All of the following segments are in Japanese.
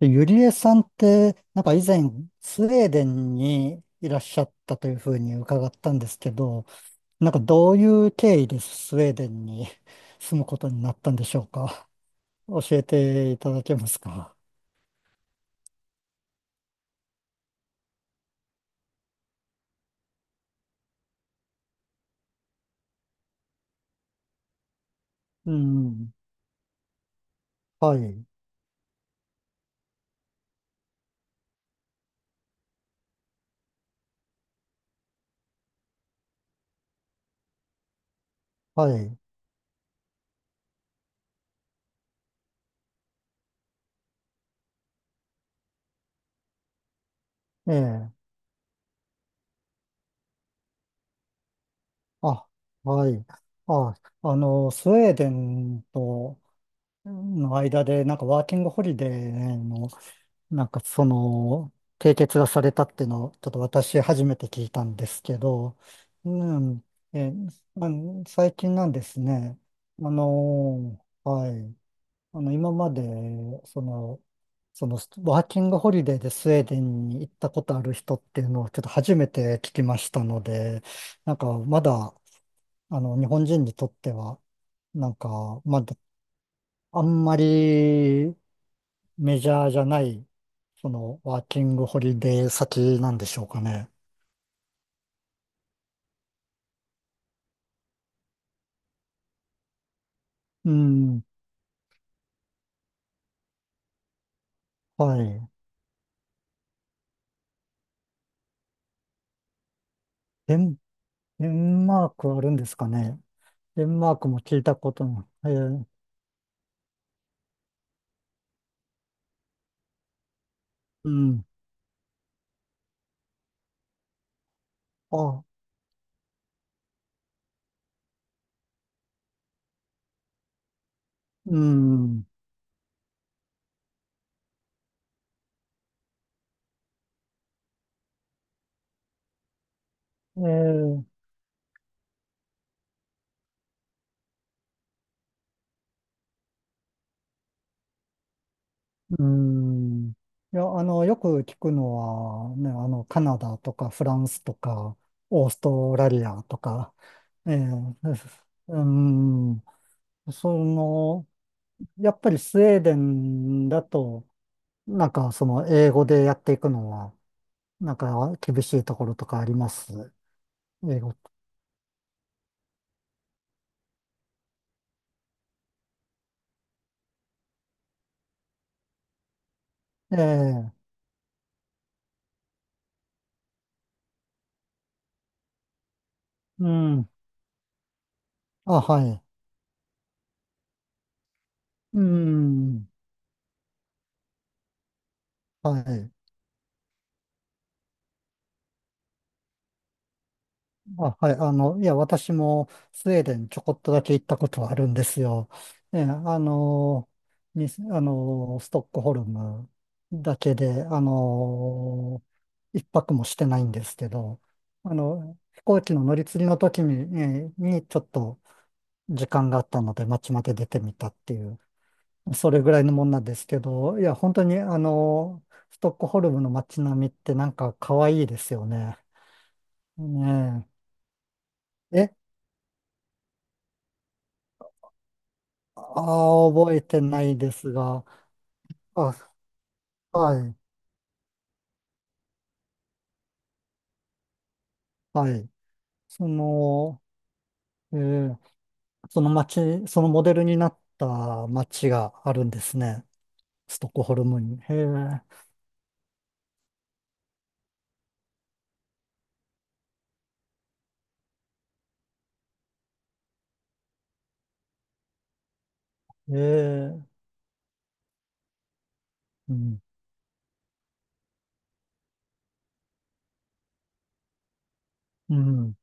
でゆりえさんって、なんか以前、スウェーデンにいらっしゃったというふうに伺ったんですけど、なんかどういう経緯でスウェーデンに 住むことになったんでしょうか。教えていただけますか。うん。はい。はい。ええ。あ、はい。あ、スウェーデンとの間で、なんかワーキングホリデーのなんかその、締結がされたっていうのを、ちょっと私初めて聞いたんですけど、うん、え、あの最近なんですね。はい。今まで、その、その、ワーキングホリデーでスウェーデンに行ったことある人っていうのをちょっと初めて聞きましたので、なんかまだ、日本人にとっては、なんか、まだ、あんまりメジャーじゃないその、ワーキングホリデー先なんでしょうかね。うん、はい。デン、デンマークあるんですかね。デンマークも聞いたことない。うん。あ、うん。えー、うん。いや、よく聞くのは、ね、カナダとかフランスとか、オーストラリアとか、えー、うん。その、やっぱりスウェーデンだと、なんかその英語でやっていくのは、なんか厳しいところとかあります？英語。ええ、うん。あ、はい。うん。はい。あ、はい。いや、私もスウェーデンちょこっとだけ行ったことはあるんですよ。ええ、あの、に、あの、ストックホルムだけで、一泊もしてないんですけど、飛行機の乗り継ぎの時に、ちょっと時間があったので、街まで出てみたっていう。それぐらいのもんなんですけど、いや、本当にストックホルムの街並みってなんか可愛いですよね。ねえ。ああ、覚えてないですが、あ、はい、はい。その、えーその街、そのモデルになった街があるんですね。ストックホルムに。へえ、へえ、うん、うん、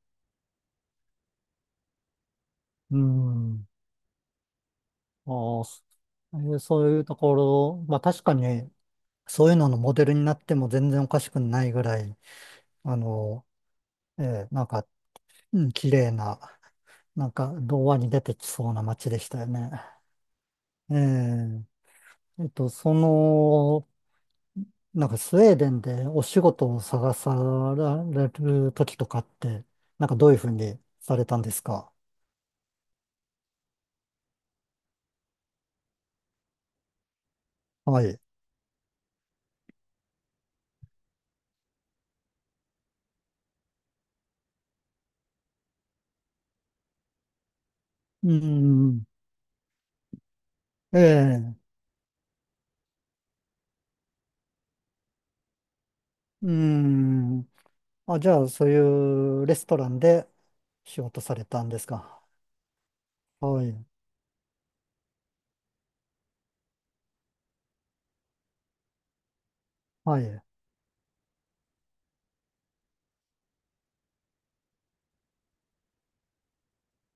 うん。ああそえーそういうところ、まあ確かに、そういうののモデルになっても全然おかしくないぐらい、あの、なんか、うん、綺麗な、なんか、童話に出てきそうな街でしたよね。ええ、その、なんか、スウェーデンでお仕事を探される時とかって、なんか、どういうふうにされたんですか？はい。うん、ええ、うん。あ、じゃあ、そういうレストランで仕事されたんですか？はい。はい。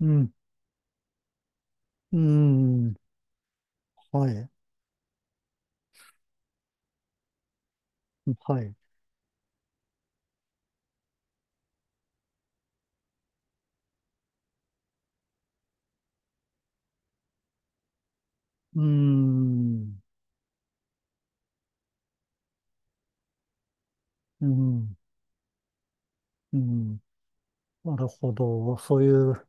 うん。うーん、はい、はい。うーん、うん、うん。なるほど。そういうと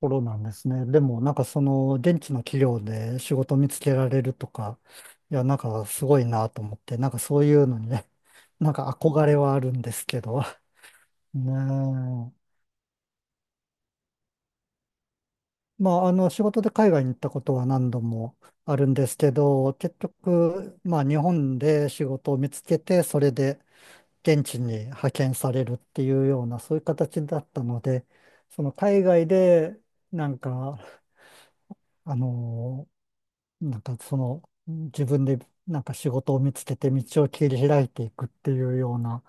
ころなんですね。でも、なんかその、現地の企業で仕事見つけられるとか、いや、なんかすごいなと思って、なんかそういうのにね、なんか憧れはあるんですけど。ねえ。まあ、仕事で海外に行ったことは何度もあるんですけど、結局、まあ、日本で仕事を見つけて、それで、現地に派遣されるっていうような、そういう形だったので、その海外で、なんか、あのなんかその、自分でなんか仕事を見つけて道を切り開いていくっていうような、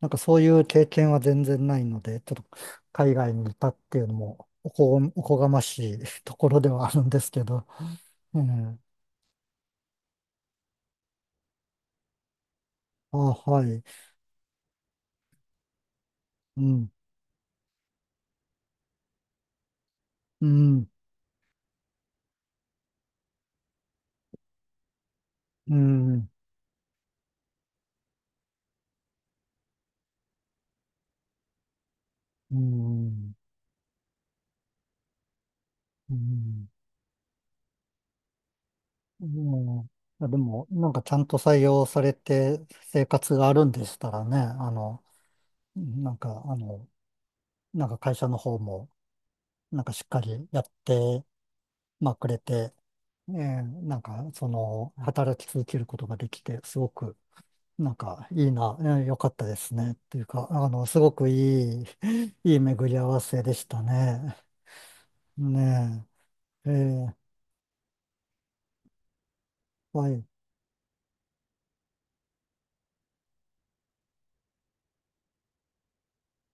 なんかそういう経験は全然ないので、ちょっと海外にいたっていうのもおこがましいところではあるんですけど、うん、あ、はい、うん、うん、うん、うん、うん。うん、いやでも、なんかちゃんと採用されて生活があるんでしたらね、なんか、なんか会社の方も、なんかしっかりやって、まあ、くれて、なんか、その、働き続けることができて、すごく、なんか、いいな、よかったですね。っていうか、すごくいい、いい巡り合わせでしたね。ねえ、ーはい、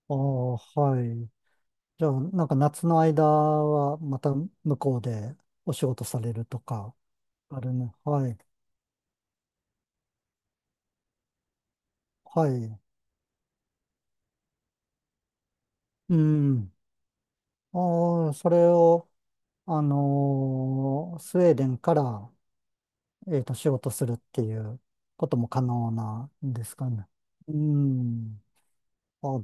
あー、はい。じゃあ、なんか夏の間はまた向こうでお仕事されるとか、あるね。はい。はい。うん。ああ、それを、スウェーデンから、えっと、仕事するっていうことも可能なんですかね。うん。あ、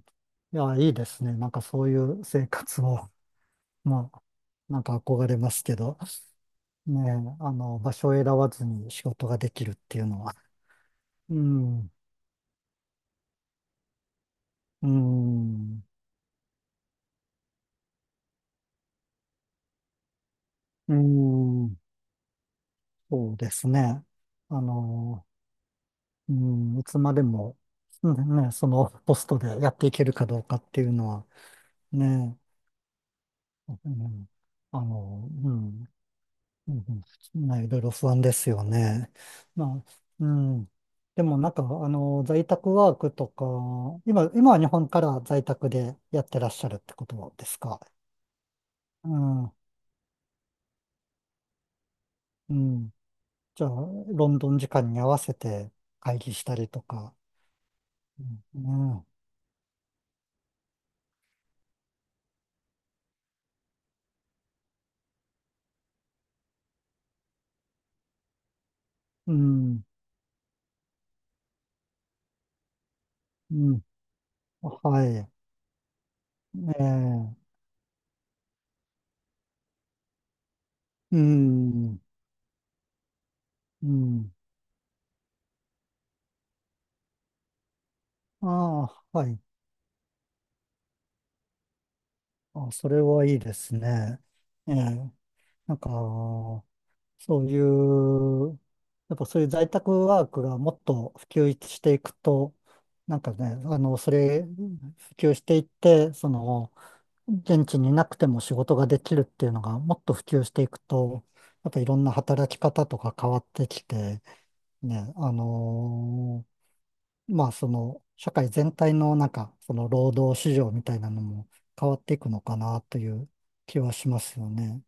いや、いいですね。なんかそういう生活を、まあ、なんか憧れますけど、ねえ、場所を選ばずに仕事ができるっていうのは。うん。うん。うーん、そうですね。あの、うん、いつまでも、うん、ね、そのポストでやっていけるかどうかっていうのは、ね、うん、うん、うん、ね、いろいろ不安ですよね。まあ、うん。でもなんか、在宅ワークとか、今は日本から在宅でやってらっしゃるってことですか？うん、うん。じゃあ、ロンドン時間に合わせて会議したりとか、うん、ね、うん、うん、はい、ええ、うん、うん、ああ、はい、あ、それはいいですね。ええ、なんか、そういう、やっぱそういう在宅ワークがもっと普及していくと、なんかね、それ、普及していって、その、現地にいなくても仕事ができるっていうのがもっと普及していくと、やっぱいろんな働き方とか変わってきて、ね、まあ、その、社会全体のなんか、その労働市場みたいなのも変わっていくのかなという気はしますよね。